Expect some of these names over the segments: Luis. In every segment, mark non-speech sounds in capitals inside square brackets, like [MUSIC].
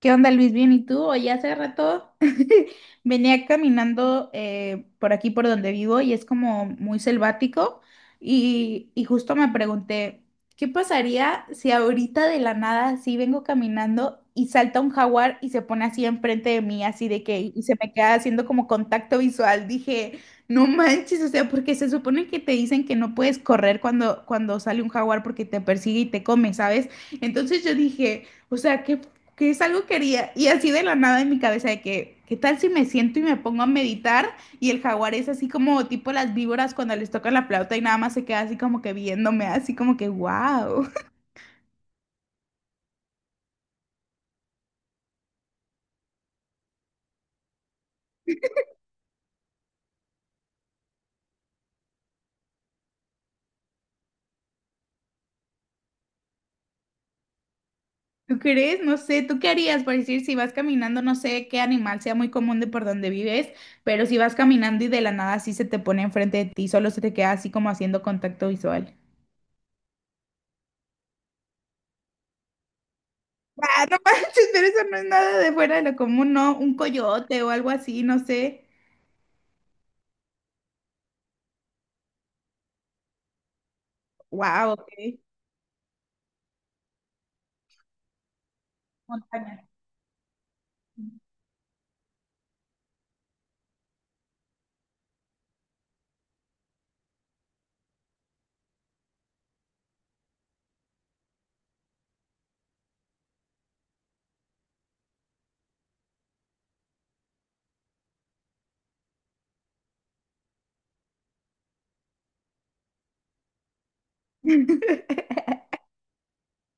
¿Qué onda, Luis? Bien, ¿y tú? Hoy hace rato [LAUGHS] venía caminando por aquí por donde vivo y es como muy selvático y justo me pregunté, ¿qué pasaría si ahorita de la nada así vengo caminando y salta un jaguar y se pone así enfrente de mí, así de que y se me queda haciendo como contacto visual? Dije, no manches, o sea, porque se supone que te dicen que no puedes correr cuando sale un jaguar porque te persigue y te come, ¿sabes? Entonces yo dije... O sea, ¿qué que es algo que haría, y así de la nada en mi cabeza de que, ¿qué tal si me siento y me pongo a meditar? Y el jaguar es así como tipo las víboras cuando les tocan la flauta y nada más se queda así como que viéndome, así como que, wow, [LAUGHS] ¿tú crees? No sé, ¿tú qué harías? Por decir, si vas caminando, no sé qué animal sea muy común de por donde vives, pero si vas caminando y de la nada así se te pone enfrente de ti, solo se te queda así como haciendo contacto visual. Ah, no manches, pero eso no es nada de fuera de lo común, ¿no? Un coyote o algo así, no sé. Wow, ok. Montaña. [LAUGHS]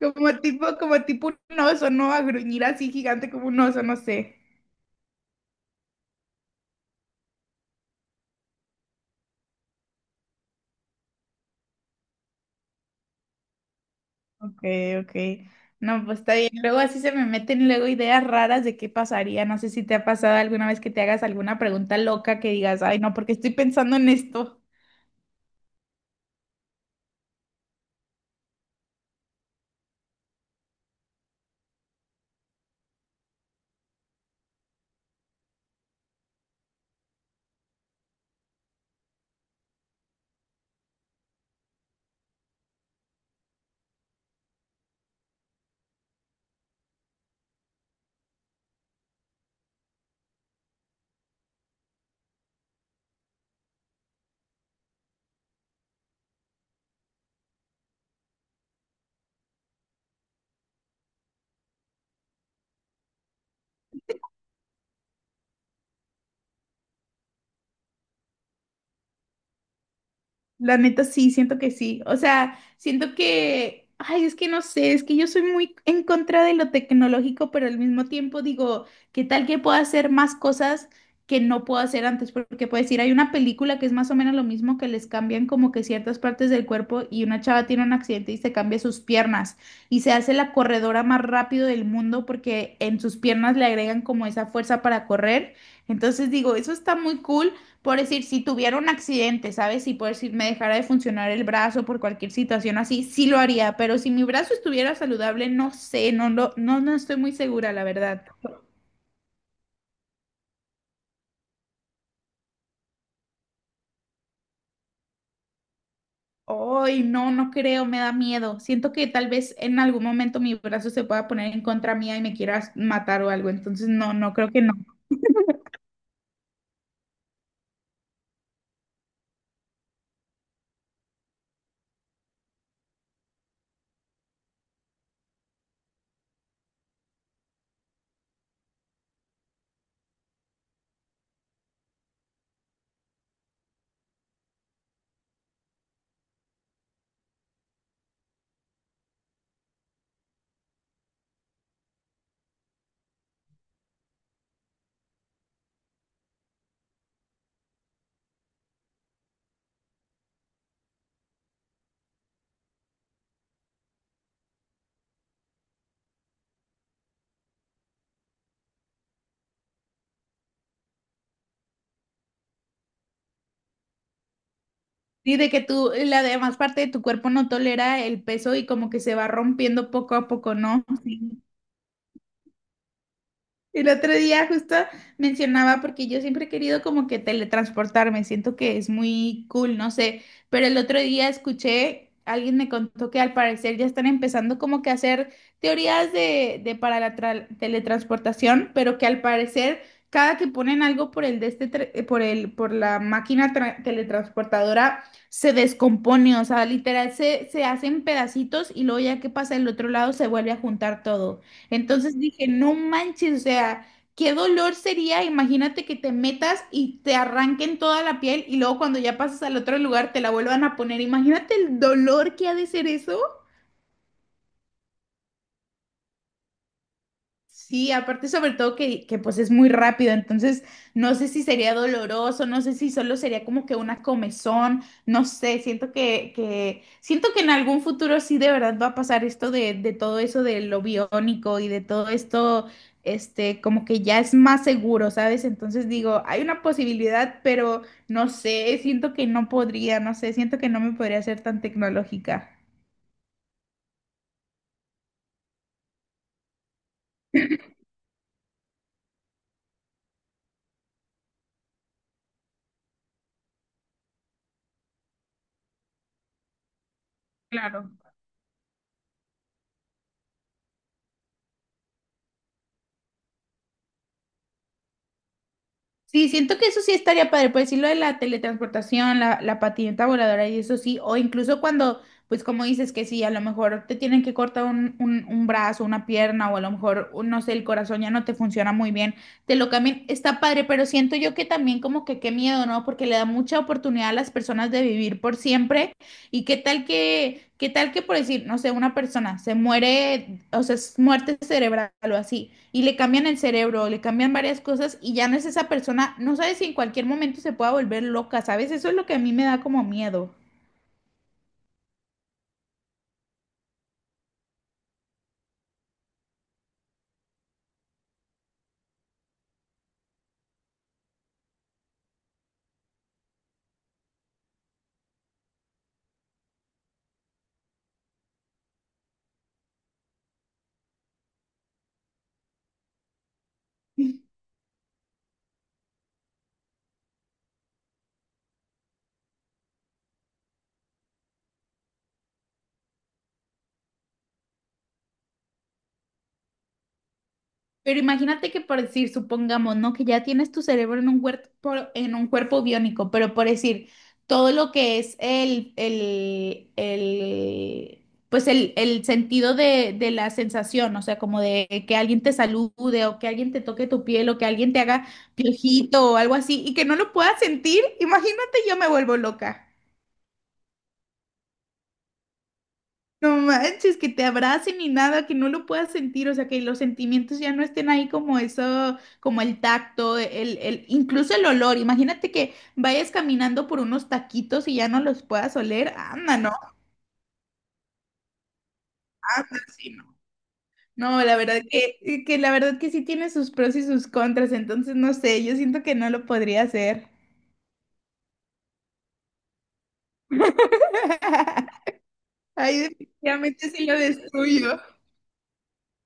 Como tipo un oso, ¿no? A gruñir así gigante como un oso, no sé. Ok, ok. No, pues está bien. Luego así se me meten luego ideas raras de qué pasaría. No sé si te ha pasado alguna vez que te hagas alguna pregunta loca que digas, ay, no, porque estoy pensando en esto. La neta sí, siento que sí. O sea, siento que, ay, es que no sé, es que yo soy muy en contra de lo tecnológico, pero al mismo tiempo digo, ¿qué tal que pueda hacer más cosas que no puedo hacer antes? Porque puedes decir, hay una película que es más o menos lo mismo, que les cambian como que ciertas partes del cuerpo y una chava tiene un accidente y se cambia sus piernas y se hace la corredora más rápido del mundo porque en sus piernas le agregan como esa fuerza para correr. Entonces digo, eso está muy cool. Por decir, si tuviera un accidente, ¿sabes? Si por decir me dejara de funcionar el brazo por cualquier situación así, sí lo haría, pero si mi brazo estuviera saludable, no sé, no lo, no, no estoy muy segura, la verdad. Ay, no, no creo, me da miedo. Siento que tal vez en algún momento mi brazo se pueda poner en contra mía y me quieras matar o algo, entonces no, no creo que no. Sí, de que tú, la demás parte de tu cuerpo no tolera el peso y como que se va rompiendo poco a poco, ¿no? Sí. El otro día justo mencionaba, porque yo siempre he querido como que teletransportarme, siento que es muy cool, no sé, pero el otro día escuché, alguien me contó que al parecer ya están empezando como que a hacer teorías de para la teletransportación, pero que al parecer cada que ponen algo por el de este, por el, por la máquina teletransportadora se descompone, o sea, literal se hacen pedacitos y luego ya que pasa el otro lado se vuelve a juntar todo. Entonces dije, no manches, o sea, qué dolor sería, imagínate que te metas y te arranquen toda la piel y luego cuando ya pasas al otro lugar te la vuelvan a poner. Imagínate el dolor que ha de ser eso. Sí, aparte sobre todo que pues es muy rápido, entonces no sé si sería doloroso, no sé si solo sería como que una comezón, no sé, siento que siento que en algún futuro sí de verdad va a pasar esto de todo eso de lo biónico y de todo esto, como que ya es más seguro, ¿sabes? Entonces digo, hay una posibilidad, pero no sé, siento que no podría, no sé, siento que no me podría ser tan tecnológica. Claro. Sí, siento que eso sí estaría padre, pues sí, lo de la teletransportación, la patineta voladora y eso sí, o incluso cuando, pues como dices que sí, a lo mejor te tienen que cortar un brazo, una pierna, o a lo mejor, no sé, el corazón ya no te funciona muy bien, te lo cambian, está padre, pero siento yo que también como que qué miedo, ¿no? Porque le da mucha oportunidad a las personas de vivir por siempre, y qué tal qué tal que por decir, no sé, una persona se muere, o sea, es muerte cerebral o así y le cambian el cerebro, le cambian varias cosas y ya no es esa persona, no sabes si en cualquier momento se pueda volver loca, ¿sabes? Eso es lo que a mí me da como miedo. Pero imagínate que por decir, supongamos, ¿no? Que ya tienes tu cerebro en un cuerpo biónico, pero por decir, todo lo que es el sentido de la sensación, o sea, como de que alguien te salude o que alguien te toque tu piel o que alguien te haga piojito o algo así y que no lo puedas sentir, imagínate yo me vuelvo loca. No manches, que te abracen y nada, que no lo puedas sentir, o sea, que los sentimientos ya no estén ahí como eso, como el tacto, incluso el olor. Imagínate que vayas caminando por unos taquitos y ya no los puedas oler. Anda, no, anda, sí, no. No, la verdad que la verdad que sí tiene sus pros y sus contras, entonces no sé, yo siento que no lo podría hacer. [LAUGHS] Ay, definitivamente sí lo destruyo.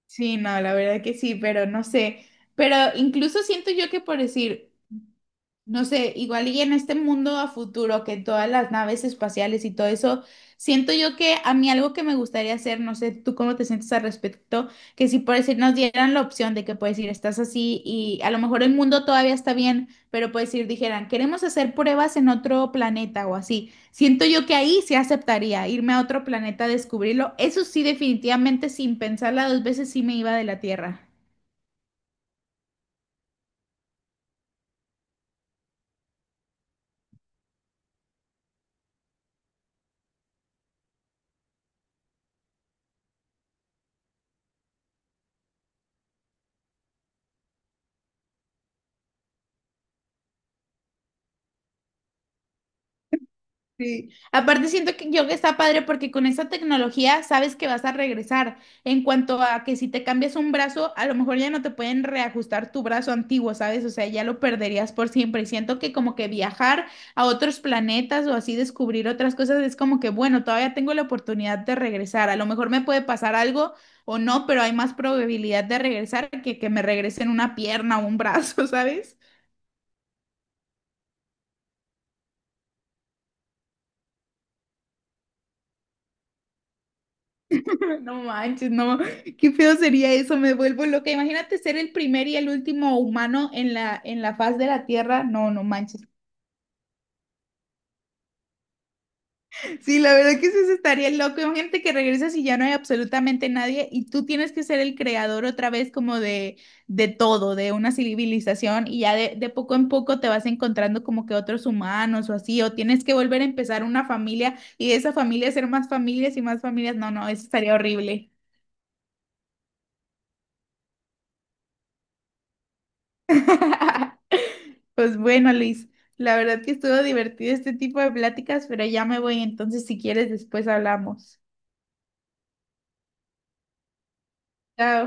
Sí, no, la verdad que sí, pero no sé. Pero incluso siento yo que por decir, no sé, igual y en este mundo a futuro, que todas las naves espaciales y todo eso, siento yo que a mí algo que me gustaría hacer, no sé, tú cómo te sientes al respecto, que si por decir nos dieran la opción de que puedes ir, estás así y a lo mejor el mundo todavía está bien, pero puedes ir, dijeran, queremos hacer pruebas en otro planeta o así. Siento yo que ahí sí aceptaría irme a otro planeta a descubrirlo. Eso sí, definitivamente sin pensarla dos veces sí me iba de la Tierra. Sí. Aparte siento que yo que está padre porque con esa tecnología sabes que vas a regresar. En cuanto a que si te cambias un brazo, a lo mejor ya no te pueden reajustar tu brazo antiguo, ¿sabes? O sea, ya lo perderías por siempre. Y siento que como que viajar a otros planetas o así descubrir otras cosas es como que, bueno, todavía tengo la oportunidad de regresar. A lo mejor me puede pasar algo o no, pero hay más probabilidad de regresar que me regresen una pierna o un brazo, [LAUGHS] ¿sabes? [LAUGHS] No manches, no, qué feo sería eso, me vuelvo loca. Imagínate ser el primer y el último humano en en la faz de la Tierra. No, no manches. Sí, la verdad que sí se estaría loco. Imagínate que regresas y ya no hay absolutamente nadie y tú tienes que ser el creador otra vez como de todo, de una civilización y ya de poco en poco te vas encontrando como que otros humanos o así, o tienes que volver a empezar una familia y de esa familia ser más familias y más familias. No, no, eso estaría horrible. [LAUGHS] Pues bueno, Luis, la verdad que estuvo divertido este tipo de pláticas, pero ya me voy, entonces si quieres después hablamos. Chao.